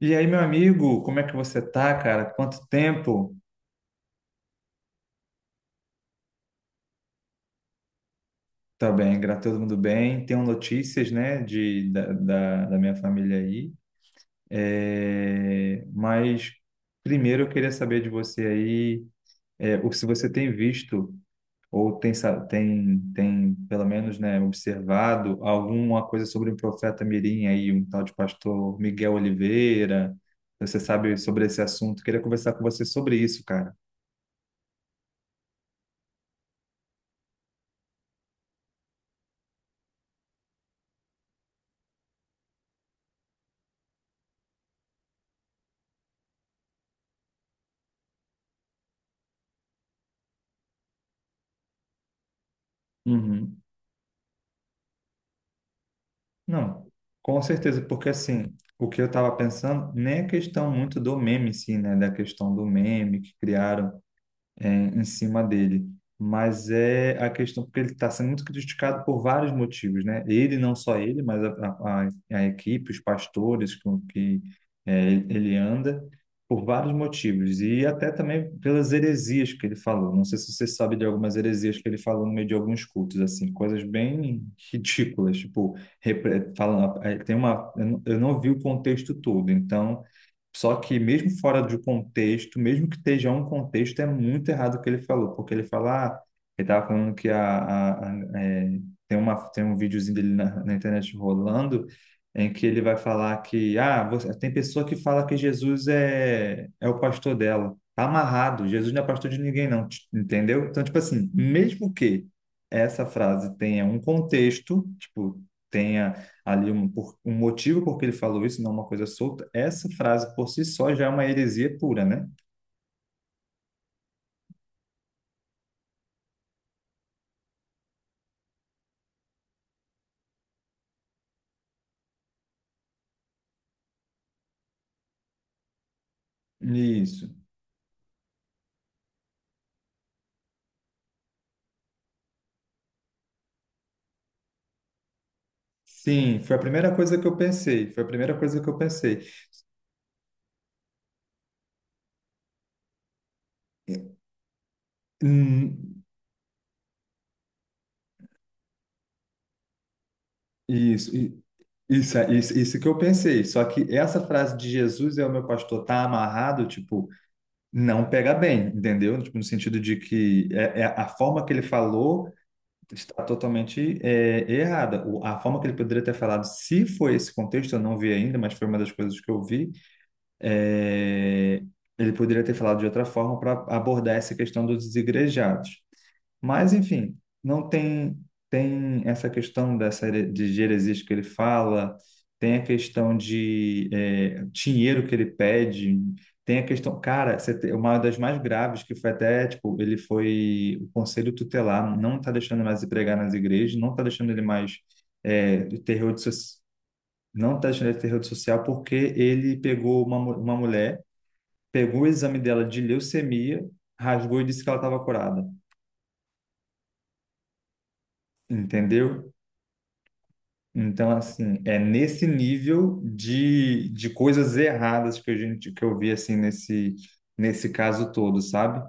E aí, meu amigo, como é que você tá, cara? Quanto tempo? Tá bem, graças a todo mundo bem. Tenho notícias, né, da minha família aí. É, mas primeiro eu queria saber de você aí, se você tem visto ou tem pelo menos, né, observado alguma coisa sobre o profeta Mirim aí, um tal de pastor Miguel Oliveira. Você sabe sobre esse assunto? Queria conversar com você sobre isso, cara. Uhum. Não, com certeza, porque assim, o que eu estava pensando nem é questão muito do meme, sim, né? Da questão do meme que criaram em cima dele. Mas é a questão, porque ele está sendo muito criticado por vários motivos, né? Ele, não só ele, mas a equipe, os pastores com que ele anda, por vários motivos. E até também pelas heresias que ele falou. Não sei se você sabe de algumas heresias que ele falou no meio de alguns cultos, assim, coisas bem ridículas. Tipo, falando, tem uma, eu não vi o contexto todo, então só que mesmo fora do contexto, mesmo que esteja um contexto, é muito errado o que ele falou, porque ele fala, ah, ele estava falando que tem uma, tem um videozinho dele na internet rolando, em que ele vai falar que, ah, você, tem pessoa que fala que Jesus é o pastor dela. Tá amarrado, Jesus não é pastor de ninguém, não, entendeu? Então, tipo assim, mesmo que essa frase tenha um contexto, tipo, tenha ali um motivo porque ele falou isso, não uma coisa solta, essa frase por si só já é uma heresia pura, né? Isso. Sim, foi a primeira coisa que eu pensei. Foi a primeira coisa que eu pensei. Hum. Isso, i- isso, isso que eu pensei. Só que essa frase de Jesus é o meu pastor tá amarrado, tipo, não pega bem, entendeu? Tipo, no sentido de que é a forma que ele falou. Está totalmente errada. A forma que ele poderia ter falado, se foi esse contexto, eu não vi ainda, mas foi uma das coisas que eu vi. é, Ele poderia ter falado de outra forma para abordar essa questão dos desigrejados. Mas, enfim, não tem tem essa questão de heresias que ele fala, tem a questão de dinheiro que ele pede, tem a questão, cara, uma das mais graves que foi até, tipo, ele foi o conselho tutelar não está deixando ele mais ir pregar nas igrejas, não está deixando ele mais eh, ter rede so- não está deixando ele ter rede social porque ele pegou uma mulher, pegou o exame dela de leucemia, rasgou e disse que ela estava curada, entendeu? Então, assim, é nesse nível de coisas erradas que a gente que eu vi assim nesse caso todo, sabe?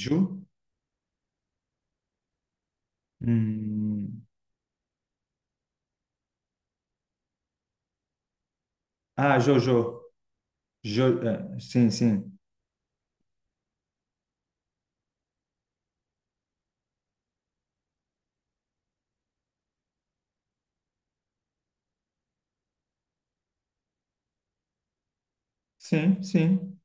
Ju? Hum. Ah, Jojo. Jo, é, sim, sim. Sim, sim.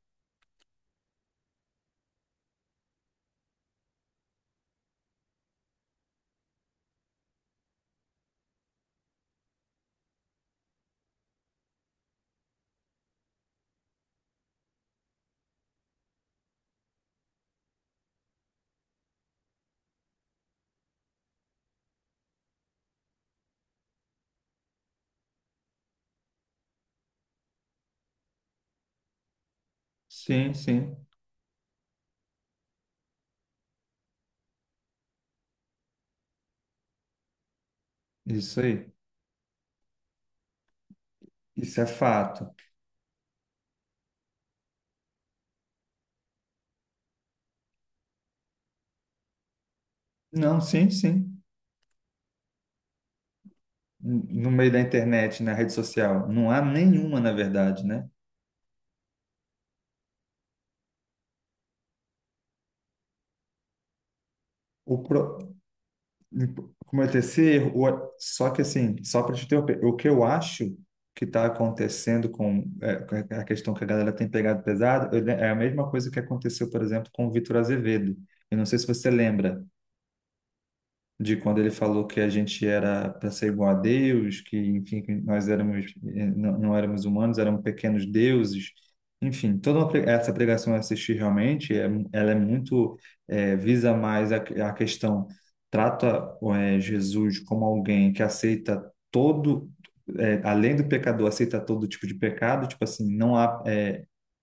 Sim, sim. Isso aí. Isso é fato. Não, sim, sim. No meio da internet, na rede social, não há nenhuma, na verdade, né? O pro- Cometer esse erro. Só que, assim, só para te interromper, o que eu acho que está acontecendo com, é, com a questão que a galera tem pegado pesado é a mesma coisa que aconteceu, por exemplo, com o Vitor Azevedo. Eu não sei se você lembra de quando ele falou que a gente era para ser igual a Deus, que enfim, que nós éramos não, não éramos humanos, éramos pequenos deuses. Enfim, essa pregação eu assisti realmente, é, ela é muito visa mais a trata Jesus como alguém que aceita todo além do pecador, aceita todo tipo de pecado, tipo assim, não há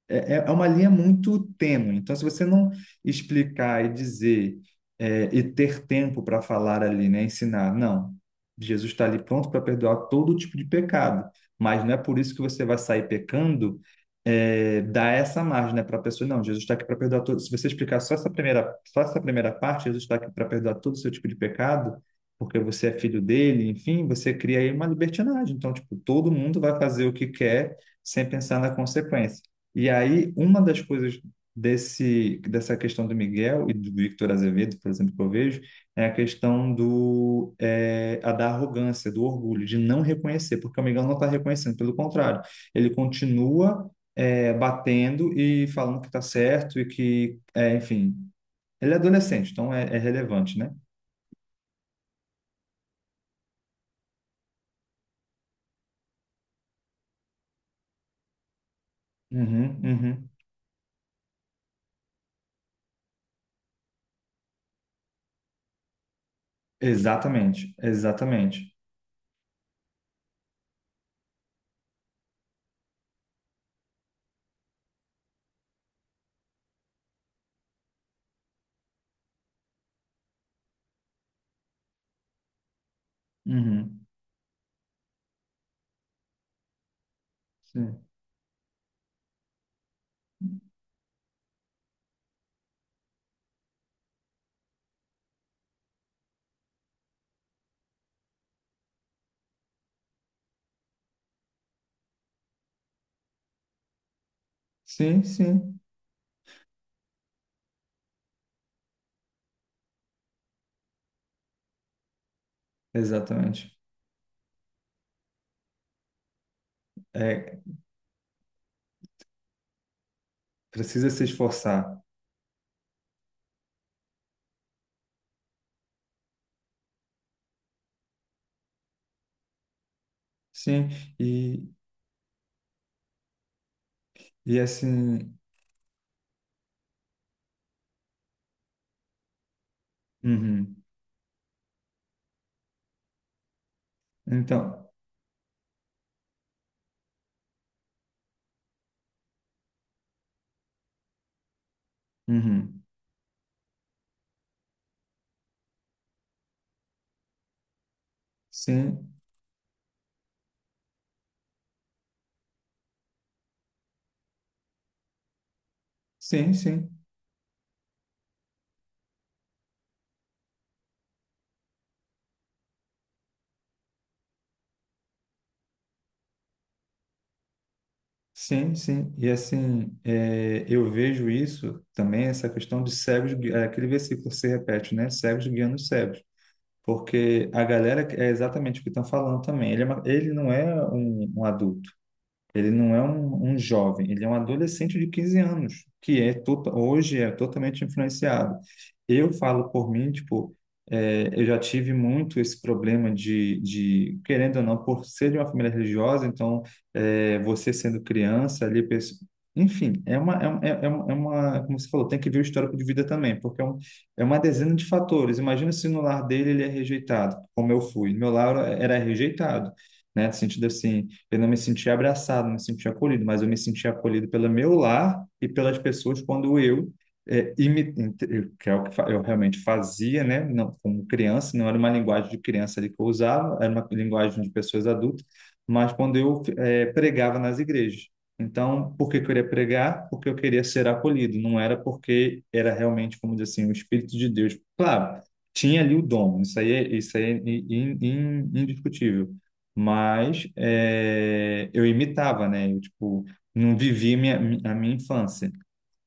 é, é uma linha muito tênue. Então, se você não explicar e dizer e ter tempo para falar ali, né, ensinar, não, Jesus está ali pronto para perdoar todo tipo de pecado, mas não é por isso que você vai sair pecando. É, dar essa margem, né, para a pessoa, não, Jesus está aqui para perdoar todo. Se você explicar só essa primeira parte, Jesus está aqui para perdoar todo o seu tipo de pecado, porque você é filho dele, enfim, você cria aí uma libertinagem. Então, tipo, todo mundo vai fazer o que quer sem pensar na consequência. E aí, uma das coisas dessa questão do Miguel e do Victor Azevedo, por exemplo, que eu vejo, é a questão do, é, a da arrogância, do orgulho, de não reconhecer, porque o Miguel não está reconhecendo, pelo contrário, ele continua, batendo e falando que está certo e que, é, enfim, ele é adolescente, então é relevante, né? Uhum, uhum. Exatamente, exatamente. Uhum. Sim, sim, sim, exatamente. É, precisa se esforçar. Sim, e, e assim, uhum. Então, uhum. Sim, sim, sim, sim, sim, e assim, é, eu vejo isso também, essa questão de cegos, aquele versículo que se repete, né, cegos guiando os cegos, porque a galera, é exatamente o que estão falando também, ele, ele não é um adulto. Ele não é um jovem, ele é um adolescente de 15 anos, que é hoje é totalmente influenciado. Eu falo por mim, tipo, é, eu já tive muito esse problema querendo ou não, por ser de uma família religiosa, então, é, você sendo criança ali, enfim, como você falou, tem que ver o histórico de vida também, porque é uma dezena de fatores. Imagina se no lar dele ele é rejeitado, como eu fui. Meu lar era rejeitado, né? No sentido assim, eu não me sentia abraçado, não me sentia acolhido, mas eu me sentia acolhido pelo meu lar e pelas pessoas quando eu é, imi- que é o que eu realmente fazia, né? Não, como criança, não era uma linguagem de criança ali que eu usava, era uma linguagem de pessoas adultas, mas quando eu pregava nas igrejas. Então, por que que eu queria pregar? Porque eu queria ser acolhido, não era porque era realmente, como dizer assim, o Espírito de Deus. Claro, tinha ali o dom, isso aí é indiscutível, mas é, eu imitava, né? Eu, tipo, não vivi minha, a minha infância.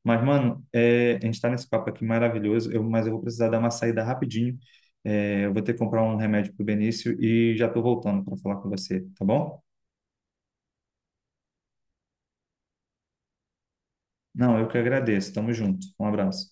Mas, mano, é, a gente tá nesse papo aqui maravilhoso, mas eu vou precisar dar uma saída rapidinho. É, eu vou ter que comprar um remédio pro Benício e já tô voltando para falar com você, tá bom? Não, eu que agradeço. Tamo junto. Um abraço.